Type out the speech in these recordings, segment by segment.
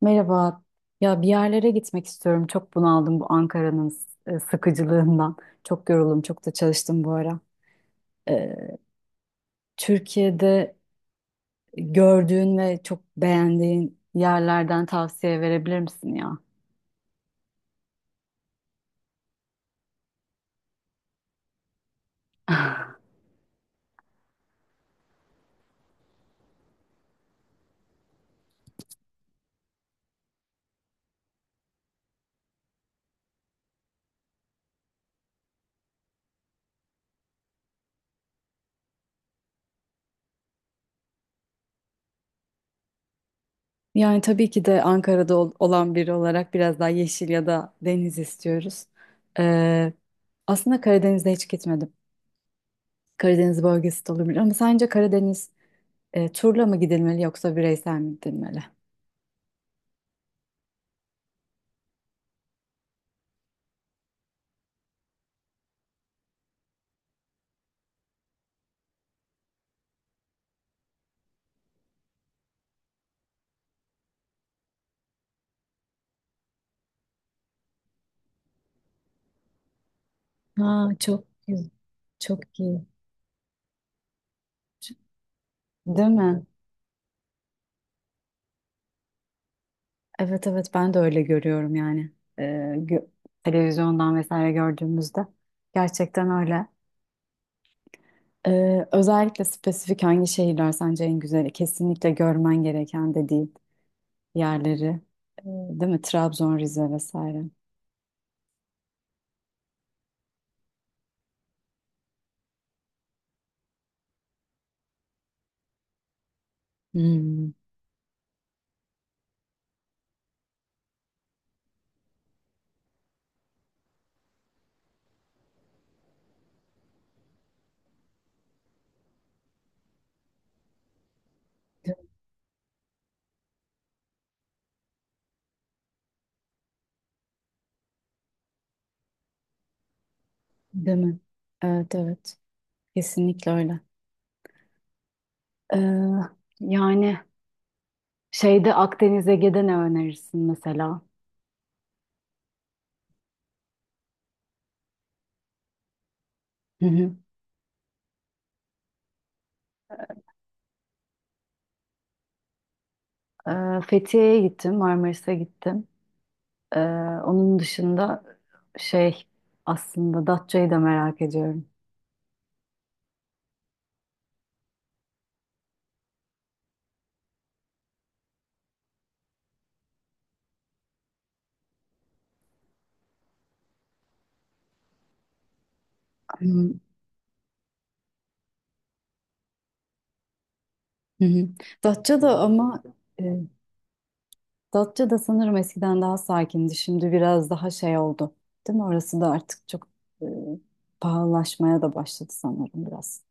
Merhaba. Ya bir yerlere gitmek istiyorum. Çok bunaldım bu Ankara'nın sıkıcılığından. Çok yoruldum. Çok da çalıştım bu ara. Ee, Türkiye'de gördüğün ve çok beğendiğin yerlerden tavsiye verebilir misin ya? Yani tabii ki de Ankara'da olan biri olarak biraz daha yeşil ya da deniz istiyoruz. Ee, Aslında Karadeniz'de hiç gitmedim. Karadeniz bölgesi de olabilir ama sence Karadeniz turla mı gidilmeli yoksa bireysel mi gidilmeli? Ha, çok güzel. Çok iyi. Değil mi? Evet evet, ben de öyle görüyorum yani. Ee, gö- Televizyondan vesaire gördüğümüzde. Gerçekten öyle. Özellikle spesifik hangi şehirler sence en güzeli? Kesinlikle görmen gereken dediğin yerleri. Değil mi? Trabzon, Rize vesaire. Hmm. De- Değil mi? Evet evet. Kesinlikle öyle. Ee, Yani şeyde Akdeniz Ege'de ne önerirsin mesela? Hı hı. Fethiye'ye gittim, Marmaris'e gittim. Ee, Onun dışında şey, aslında Datça'yı da merak ediyorum. Hı hı. Hı. Datça da ama, e, Datça da sanırım eskiden daha sakindi. Şimdi biraz daha şey oldu. Değil mi? Orası da artık çok e, pahalılaşmaya da başladı sanırım biraz.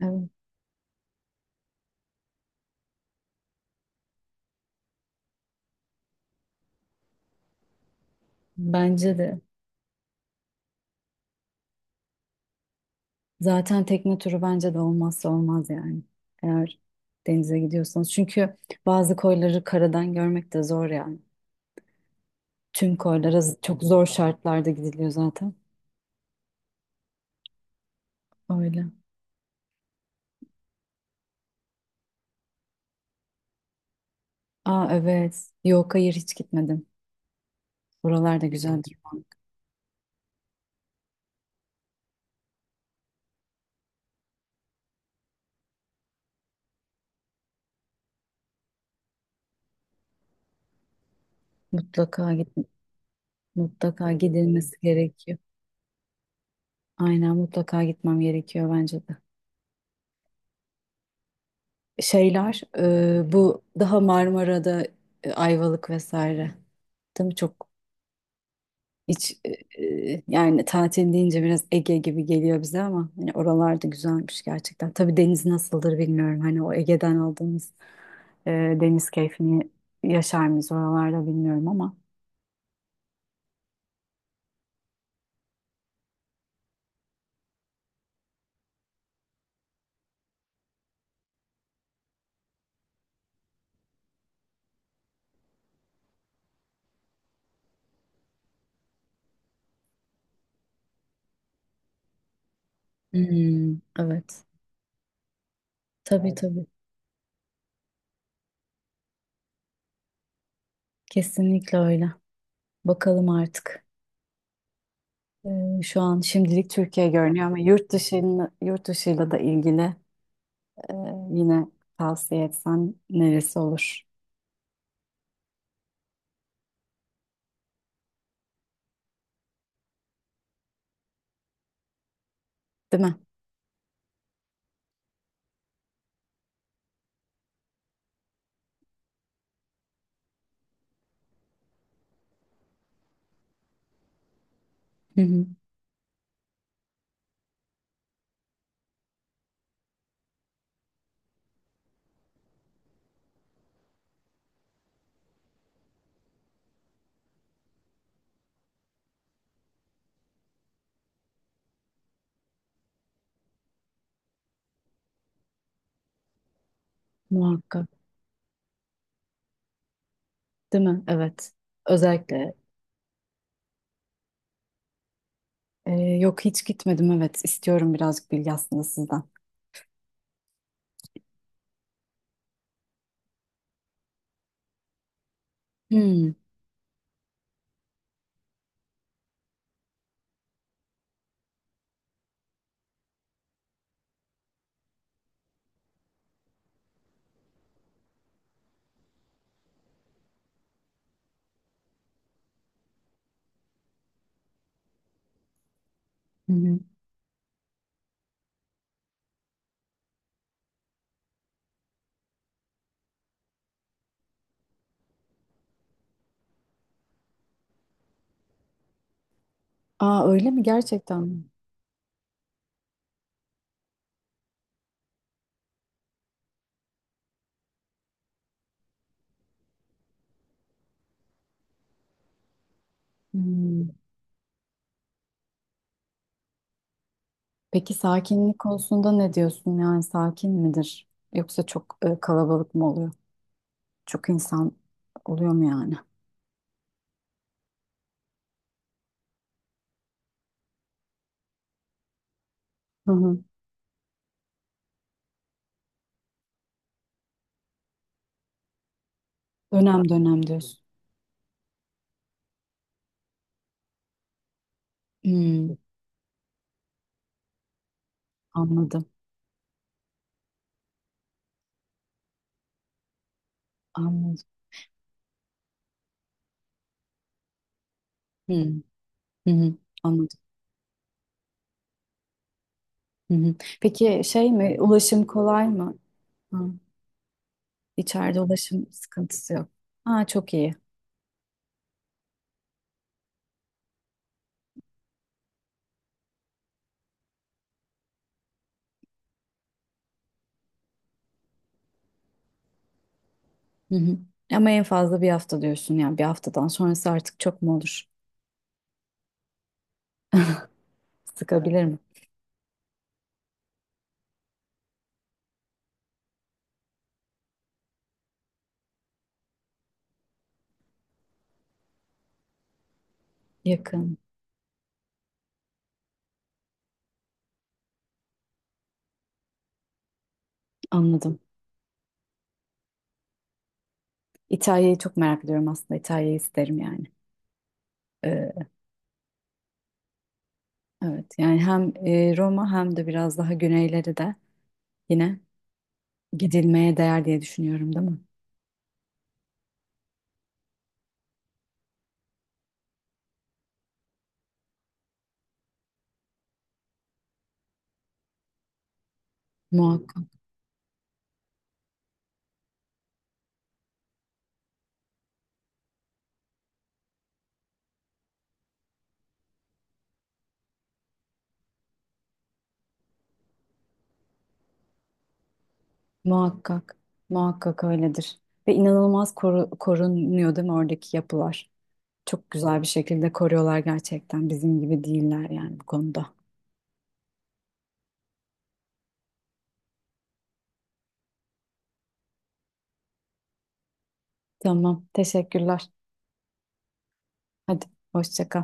Evet. Bence de. Zaten tekne turu bence de olmazsa olmaz yani. Eğer denize gidiyorsanız. Çünkü bazı koyları karadan görmek de zor yani. Tüm koylara çok zor şartlarda gidiliyor zaten. Öyle. Aa evet. Yok hayır, hiç gitmedim. Buralar da güzeldir. Mutlaka git, mutlaka gidilmesi gerekiyor. Aynen, mutlaka gitmem gerekiyor bence de. Şeyler, bu daha Marmara'da Ayvalık vesaire. Değil mi? Çok hiç, e, yani tatil deyince biraz Ege gibi geliyor bize ama hani oralar da güzelmiş gerçekten. Tabii deniz nasıldır bilmiyorum. Hani o Ege'den aldığımız e, deniz keyfini yaşar mıyız oralarda bilmiyorum ama. Hmm, evet. Tabii, yani tabii. Kesinlikle öyle. Bakalım artık. Şu an şimdilik Türkiye görünüyor ama yurt dışıyla, yurt dışıyla da ilgili, e, yine tavsiye etsen neresi olur? Değil mi? Hı hı, muhakkak. Değil mi? Evet. Özellikle yok, hiç gitmedim. Evet. istiyorum birazcık bilgi aslında sizden. Hmm, hı hı. Aa öyle mi? Gerçekten mi? Hmm. Peki sakinlik konusunda ne diyorsun? Yani sakin midir? Yoksa çok kalabalık mı oluyor? Çok insan oluyor mu yani? Hı hı. Dönem dönem diyorsun. Hmm, anladım. Anladım. Hı hı. Hı. Anladım. Hı hı. Peki şey mi? Ulaşım kolay mı? Hı. İçeride ulaşım sıkıntısı yok. Ha, çok iyi. Hı hı. Ama en fazla bir hafta diyorsun yani bir haftadan sonrası artık çok mu olur? Sıkabilir mi? Yakın. Anladım. İtalya'yı çok merak ediyorum aslında. İtalya'yı isterim yani. Ee, evet, yani hem Roma hem de biraz daha güneyleri de yine gidilmeye değer diye düşünüyorum, değil mi? Muhakkak, muhakkak, muhakkak öyledir. Ve inanılmaz korunuyor değil mi oradaki yapılar? Çok güzel bir şekilde koruyorlar gerçekten. Bizim gibi değiller yani bu konuda. Tamam, teşekkürler. Hadi, hoşça kal.